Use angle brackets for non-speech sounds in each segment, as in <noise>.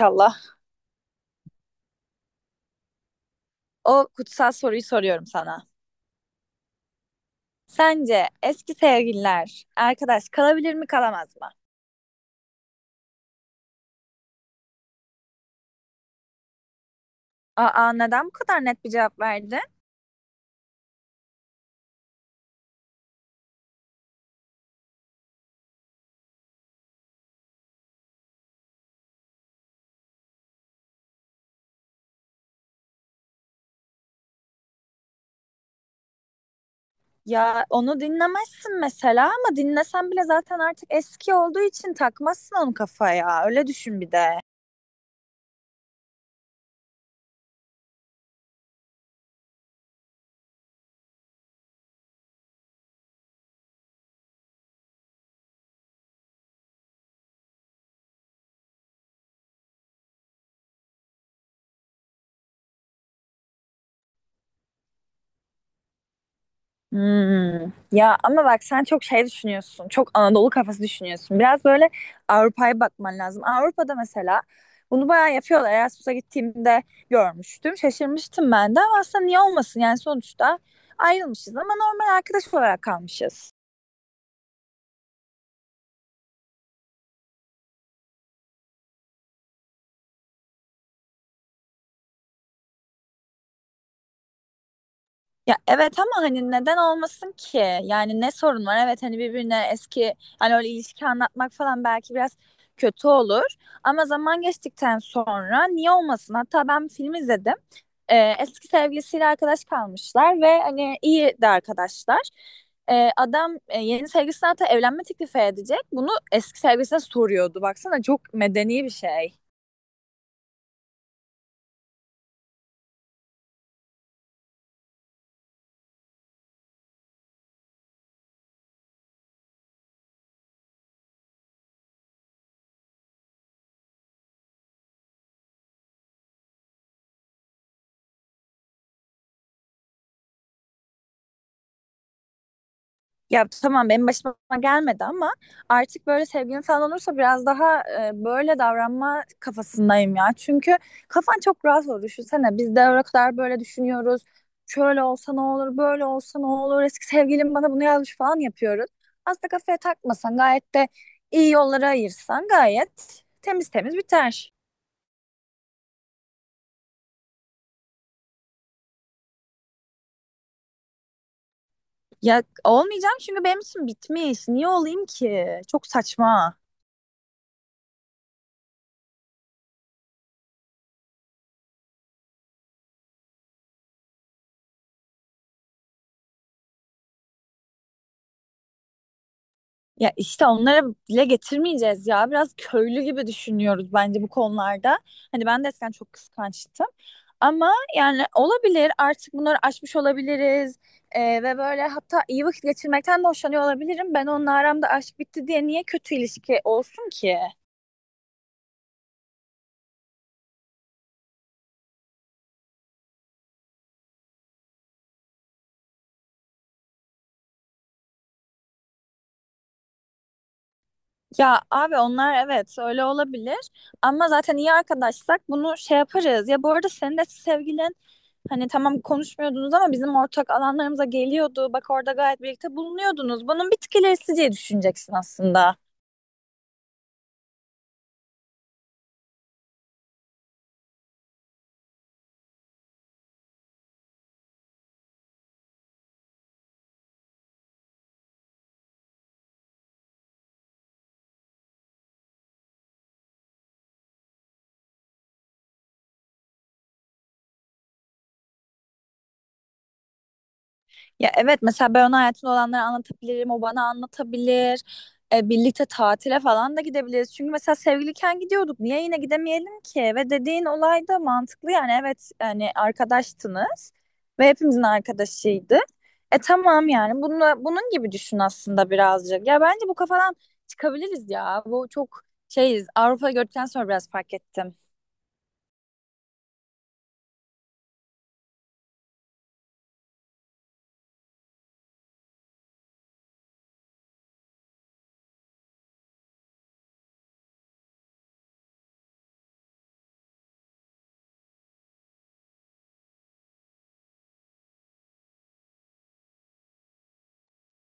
İnşallah. O kutsal soruyu soruyorum sana. Sence eski sevgililer arkadaş kalabilir mi kalamaz mı? Aa neden bu kadar net bir cevap verdin? Ya onu dinlemezsin mesela ama dinlesen bile zaten artık eski olduğu için takmazsın onu kafaya. Öyle düşün bir de. Hmm. Ya ama bak sen çok şey düşünüyorsun. Çok Anadolu kafası düşünüyorsun. Biraz böyle Avrupa'ya bakman lazım. Avrupa'da mesela bunu bayağı yapıyorlar. Erasmus'a gittiğimde görmüştüm. Şaşırmıştım ben de ama aslında niye olmasın? Yani sonuçta ayrılmışız ama normal arkadaş olarak kalmışız. Ya evet ama hani neden olmasın ki? Yani ne sorun var? Evet hani birbirine eski hani öyle ilişki anlatmak falan belki biraz kötü olur. Ama zaman geçtikten sonra niye olmasın? Hatta ben bir film izledim. Eski sevgilisiyle arkadaş kalmışlar ve hani iyi de arkadaşlar. Adam yeni sevgilisine hatta evlenme teklifi edecek. Bunu eski sevgilisine soruyordu. Baksana çok medeni bir şey. Ya tamam benim başıma gelmedi ama artık böyle sevgilim falan olursa biraz daha böyle davranma kafasındayım ya. Çünkü kafan çok rahat olur. Düşünsene biz de o kadar böyle düşünüyoruz. Şöyle olsa ne olur, böyle olsa ne olur. Eski sevgilim bana bunu yazmış falan yapıyoruz. Aslında kafaya takmasan gayet de iyi yollara ayırsan gayet temiz temiz biter. Ya olmayacağım çünkü benim için bitmiş. Niye olayım ki? Çok saçma. Ya işte onlara dile getirmeyeceğiz ya. Biraz köylü gibi düşünüyoruz bence bu konularda. Hani ben de eskiden çok kıskançtım. Ama yani olabilir artık bunları aşmış olabiliriz. Ve böyle hatta iyi vakit geçirmekten de hoşlanıyor olabilirim. Ben onunla aramda aşk bitti diye niye kötü ilişki olsun ki? Ya abi onlar evet öyle olabilir ama zaten iyi arkadaşsak bunu şey yaparız. Ya bu arada senin de sevgilin hani tamam konuşmuyordunuz ama bizim ortak alanlarımıza geliyordu. Bak orada gayet birlikte bulunuyordunuz. Bunun bir tık ilerisi diye düşüneceksin aslında. Ya evet mesela ben ona hayatımda olanları anlatabilirim, o bana anlatabilir. Birlikte tatile falan da gidebiliriz. Çünkü mesela sevgiliyken gidiyorduk. Niye yine gidemeyelim ki? Ve dediğin olay da mantıklı yani evet yani arkadaştınız ve hepimizin arkadaşıydı. E tamam yani bunun gibi düşün aslında birazcık. Ya bence bu kafadan çıkabiliriz ya. Bu çok şeyiz. Avrupa gördükten sonra biraz fark ettim.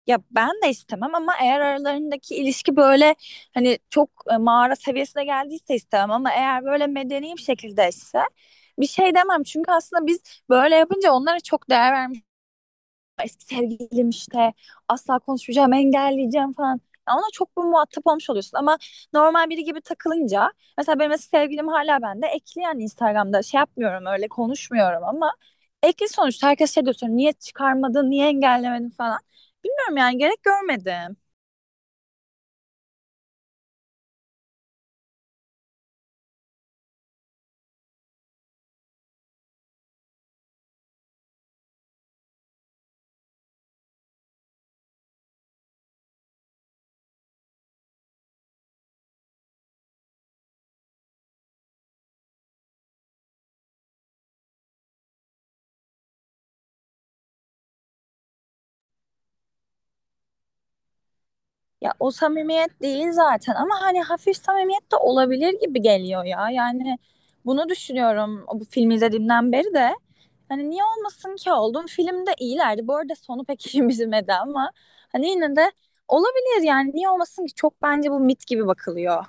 Ya ben de istemem ama eğer aralarındaki ilişki böyle hani çok mağara seviyesine geldiyse istemem ama eğer böyle medeni bir şekilde ise bir şey demem. Çünkü aslında biz böyle yapınca onlara çok değer vermiş eski sevgilim işte asla konuşmayacağım, engelleyeceğim falan. Ya ona çok bir muhatap olmuş oluyorsun ama normal biri gibi takılınca mesela benim eski sevgilim hala bende ekli yani Instagram'da şey yapmıyorum öyle konuşmuyorum ama ekli sonuçta herkes şey diyor sonra niye çıkarmadın niye engellemedin falan. Bilmiyorum yani gerek görmedim. Ya o samimiyet değil zaten ama hani hafif samimiyet de olabilir gibi geliyor ya. Yani bunu düşünüyorum bu filmi izlediğimden beri de. Hani niye olmasın ki oldum. Film de iyilerdi. Bu arada sonu pek <laughs> işimize yemedi ama hani yine de olabilir yani niye olmasın ki çok bence bu mit gibi bakılıyor.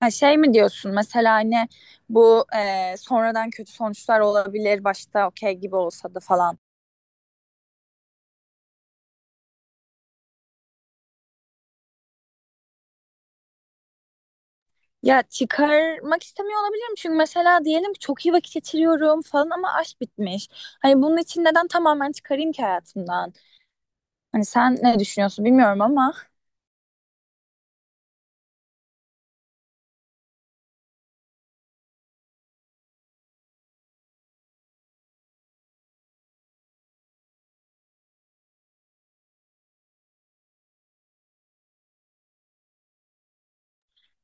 Ha şey mi diyorsun mesela hani bu sonradan kötü sonuçlar olabilir başta okey gibi olsa da falan. Ya çıkarmak istemiyor olabilirim çünkü mesela diyelim ki çok iyi vakit geçiriyorum falan ama aşk bitmiş. Hani bunun için neden tamamen çıkarayım ki hayatımdan? Hani sen ne düşünüyorsun bilmiyorum ama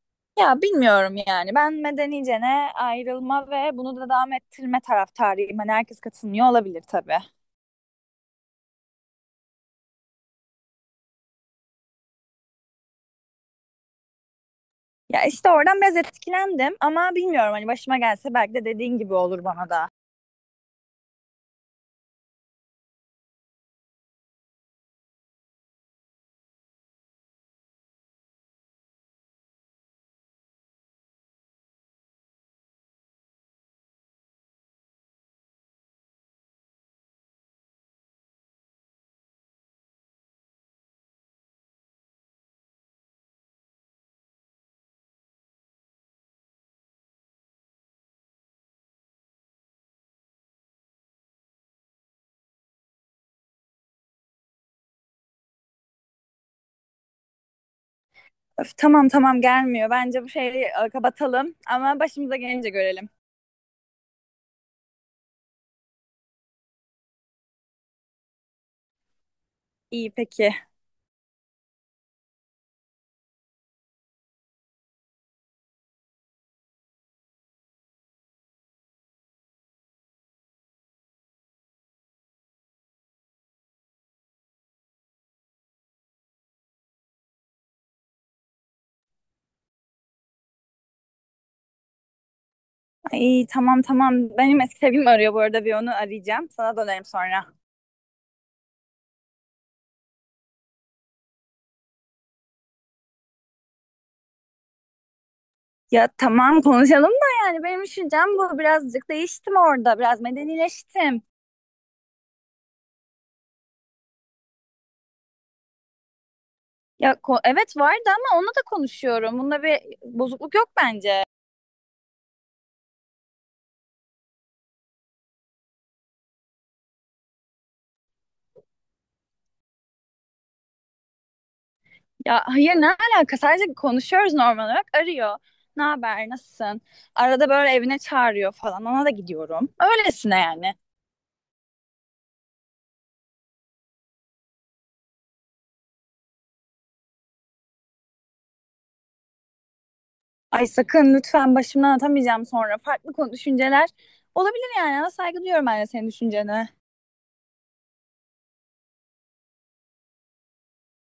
<laughs> ya bilmiyorum yani. Ben medenicene ayrılma ve bunu da devam ettirme taraftarıyım. Hani herkes katılmıyor olabilir tabii. Ya işte oradan biraz etkilendim ama bilmiyorum hani başıma gelse belki de dediğin gibi olur bana da. Öf, tamam tamam gelmiyor. Bence bu şeyi kapatalım ama başımıza gelince görelim. İyi peki. İyi tamam tamam. Benim eski sevgilim arıyor bu arada bir onu arayacağım. Sana dönerim sonra. Ya tamam konuşalım da yani benim düşüncem bu. Birazcık değiştim orada. Biraz medenileştim. Evet vardı ama onunla da konuşuyorum. Bunda bir bozukluk yok bence. Ya hayır ne alaka? Sadece konuşuyoruz normal olarak. Arıyor. Ne haber? Nasılsın? Arada böyle evine çağırıyor falan. Ona da gidiyorum. Öylesine yani. Ay sakın lütfen başımdan atamayacağım sonra. Farklı konu düşünceler olabilir yani. Ama saygı duyuyorum ben de senin düşüncene.